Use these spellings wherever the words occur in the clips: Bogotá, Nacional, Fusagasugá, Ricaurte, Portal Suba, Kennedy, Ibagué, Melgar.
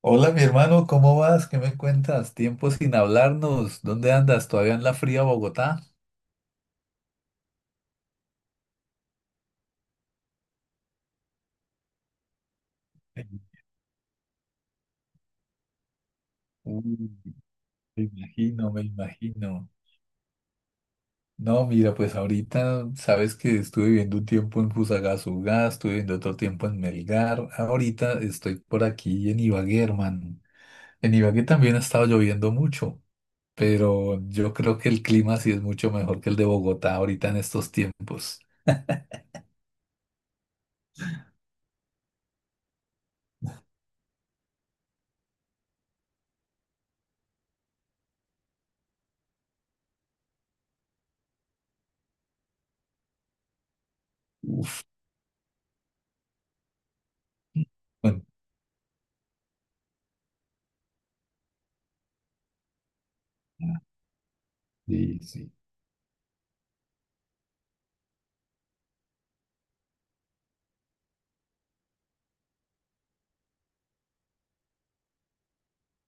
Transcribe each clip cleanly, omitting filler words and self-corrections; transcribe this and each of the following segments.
Hola, mi hermano, ¿cómo vas? ¿Qué me cuentas? Tiempo sin hablarnos. ¿Dónde andas? ¿Todavía en la fría Bogotá? Uy, me imagino. No, mira, pues ahorita sabes que estuve viviendo un tiempo en Fusagasugá, estuve viviendo otro tiempo en Melgar. Ahorita estoy por aquí en Ibagué, hermano. En Ibagué también ha estado lloviendo mucho, pero yo creo que el clima sí es mucho mejor que el de Bogotá ahorita en estos tiempos. Bueno, sí, sí.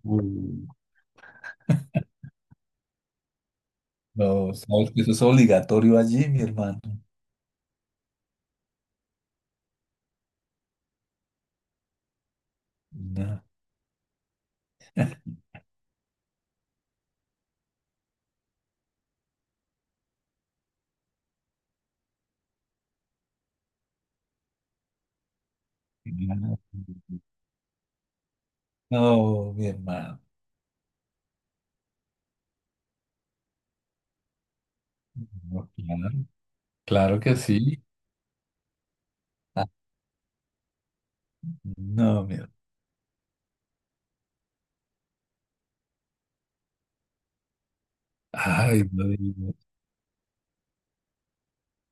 Uy. No, Saúl, que eso es obligatorio allí, mi hermano. No, claro. No, mi hermano. No, claro, claro que sí. Ah, no, mi hermano. Ay, no digo.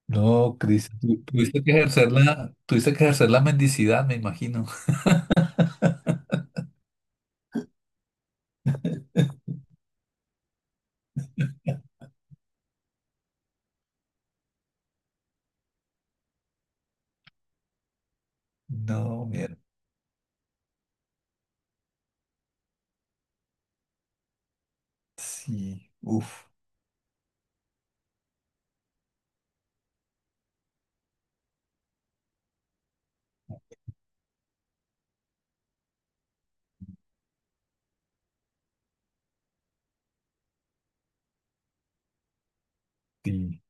No, Cris, tuviste que ejercer la mendicidad, me imagino. No, mi hermano. Sí, uf, sí.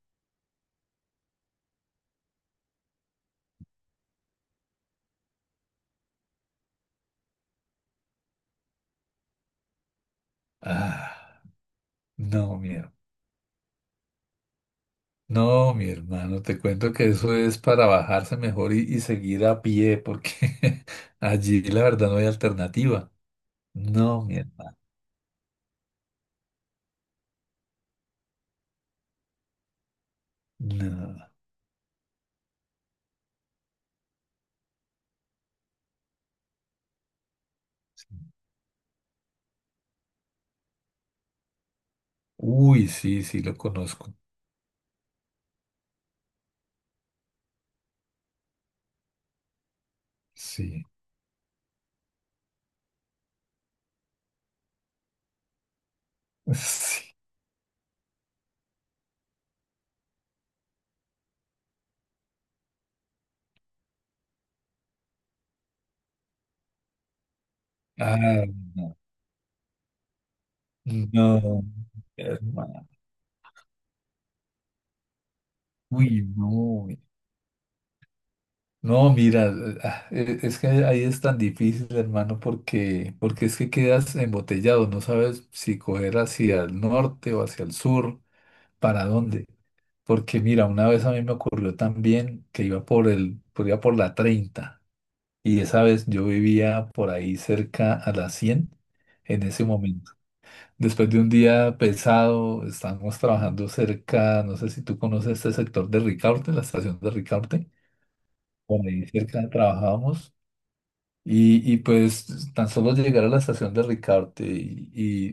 Ah, no, mi hermano. No, mi hermano, te cuento que eso es para bajarse mejor y seguir a pie, porque allí la verdad no hay alternativa. No, mierda. No. Uy, sí, sí, lo conozco. Sí. Sí. Ah, no. No, mi hermano. Uy, no. No, mira, es que ahí es tan difícil, hermano, porque es que quedas embotellado, no sabes si coger hacia el norte o hacia el sur, para dónde. Porque mira, una vez a mí me ocurrió también que iba por iba por la 30. Y esa vez yo vivía por ahí cerca a las 100 en ese momento. Después de un día pesado, estábamos trabajando cerca, no sé si tú conoces este sector de Ricaurte, la estación de Ricaurte, por ahí cerca trabajábamos. Y pues tan solo llegar a la estación de Ricaurte y,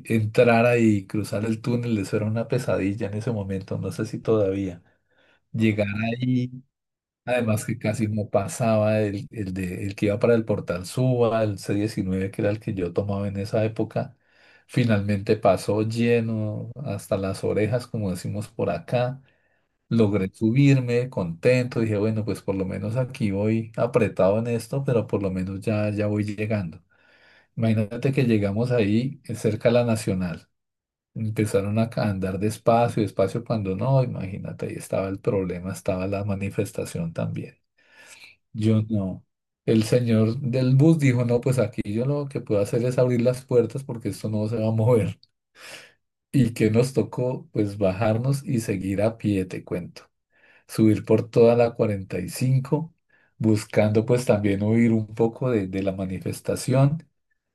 y entrar ahí, cruzar el túnel, eso era una pesadilla en ese momento, no sé si todavía. Llegar ahí. Además que casi no pasaba el que iba para el Portal Suba, el c 19 que era el que yo tomaba en esa época. Finalmente pasó lleno hasta las orejas, como decimos por acá. Logré subirme contento. Dije, bueno, pues por lo menos aquí voy apretado en esto, pero por lo menos ya, ya voy llegando. Imagínate que llegamos ahí cerca de la Nacional. Empezaron a andar despacio, despacio cuando no, imagínate, ahí estaba el problema, estaba la manifestación también. Yo no. El señor del bus dijo, no, pues aquí yo lo que puedo hacer es abrir las puertas porque esto no se va a mover. Y que nos tocó, pues bajarnos y seguir a pie, te cuento. Subir por toda la 45 buscando pues también huir un poco de la manifestación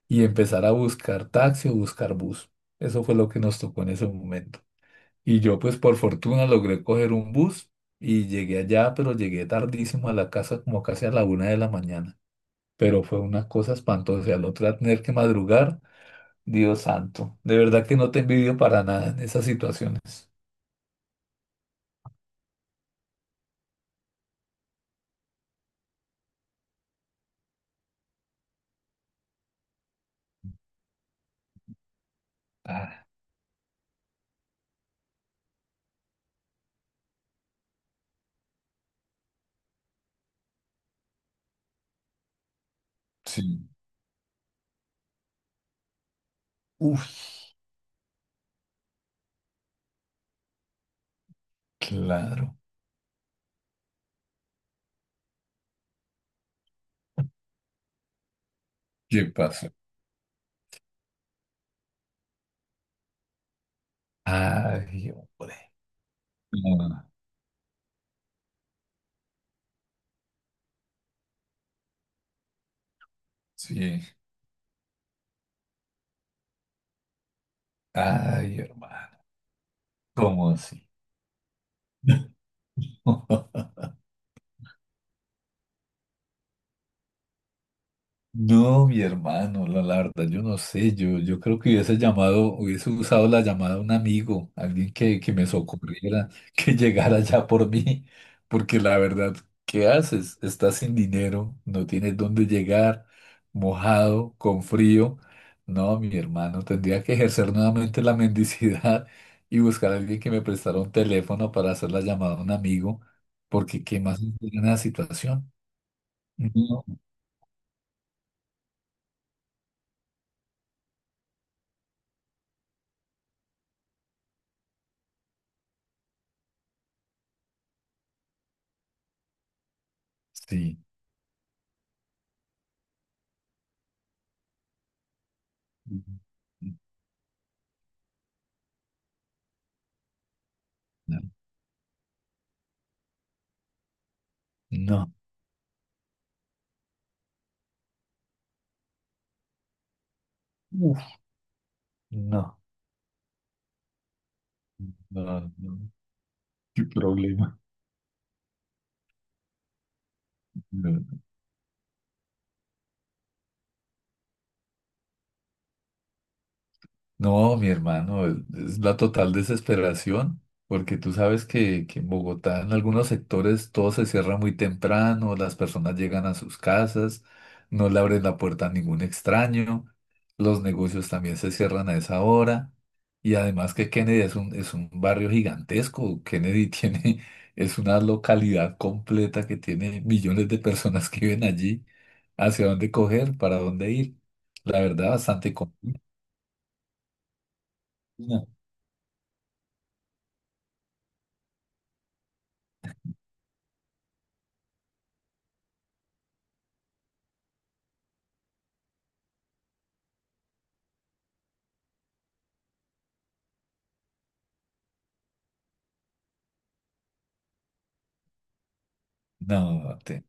y empezar a buscar taxi o buscar bus. Eso fue lo que nos tocó en ese momento. Y yo pues por fortuna logré coger un bus y llegué allá, pero llegué tardísimo a la casa como casi a la una de la mañana, pero fue una cosa espantosa. Y al otro día tener que madrugar, Dios santo. De verdad que no te envidio para nada en esas situaciones. Ah, sí. Uf, claro. ¿Qué pasa? Ay, hombre. Ah, sí. Ay, hermano. ¿Cómo así? No, mi hermano, la verdad, yo no sé, yo creo que hubiese llamado, hubiese usado la llamada a un amigo, que me socorriera, que llegara ya por mí, porque la verdad, ¿qué haces? Estás sin dinero, no tienes dónde llegar, mojado, con frío. No, mi hermano, tendría que ejercer nuevamente la mendicidad y buscar a alguien que me prestara un teléfono para hacer la llamada a un amigo, porque ¿qué más en la situación? No, sí. No, no. Uf, no, no, no. Qué problema. No. No, mi hermano, es la total desesperación, porque tú sabes que en Bogotá, en algunos sectores, todo se cierra muy temprano, las personas llegan a sus casas, no le abren la puerta a ningún extraño, los negocios también se cierran a esa hora, y además que Kennedy es un barrio gigantesco, Kennedy tiene, es una localidad completa que tiene millones de personas que viven allí, hacia dónde coger, para dónde ir, la verdad, bastante común. No, te...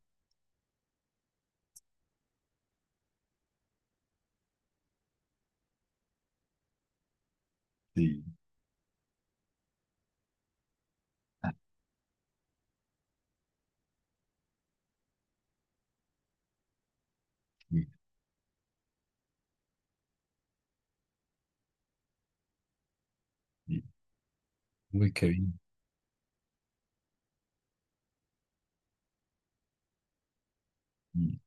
Sí, sí, sí. Uy, qué bien. Sí.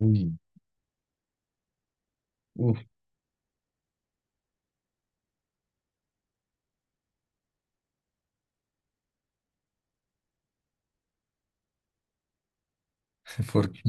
Uy, uf. Porque...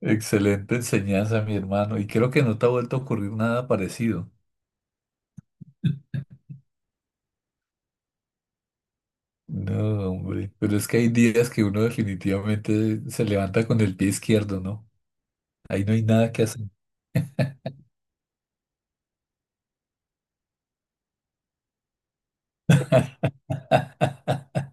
Excelente enseñanza, mi hermano. Y creo que no te ha vuelto a ocurrir nada parecido. No, hombre. Pero es que hay días que uno definitivamente se levanta con el pie izquierdo, ¿no? Ahí no hay nada que hacer.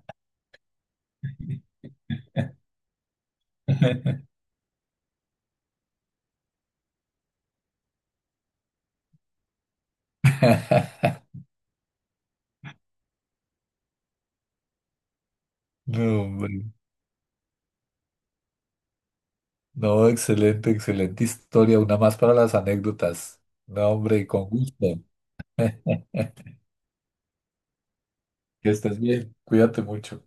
No, hombre. No, excelente, excelente historia. Una más para las anécdotas. No, hombre, con gusto. Que estés bien. Cuídate mucho.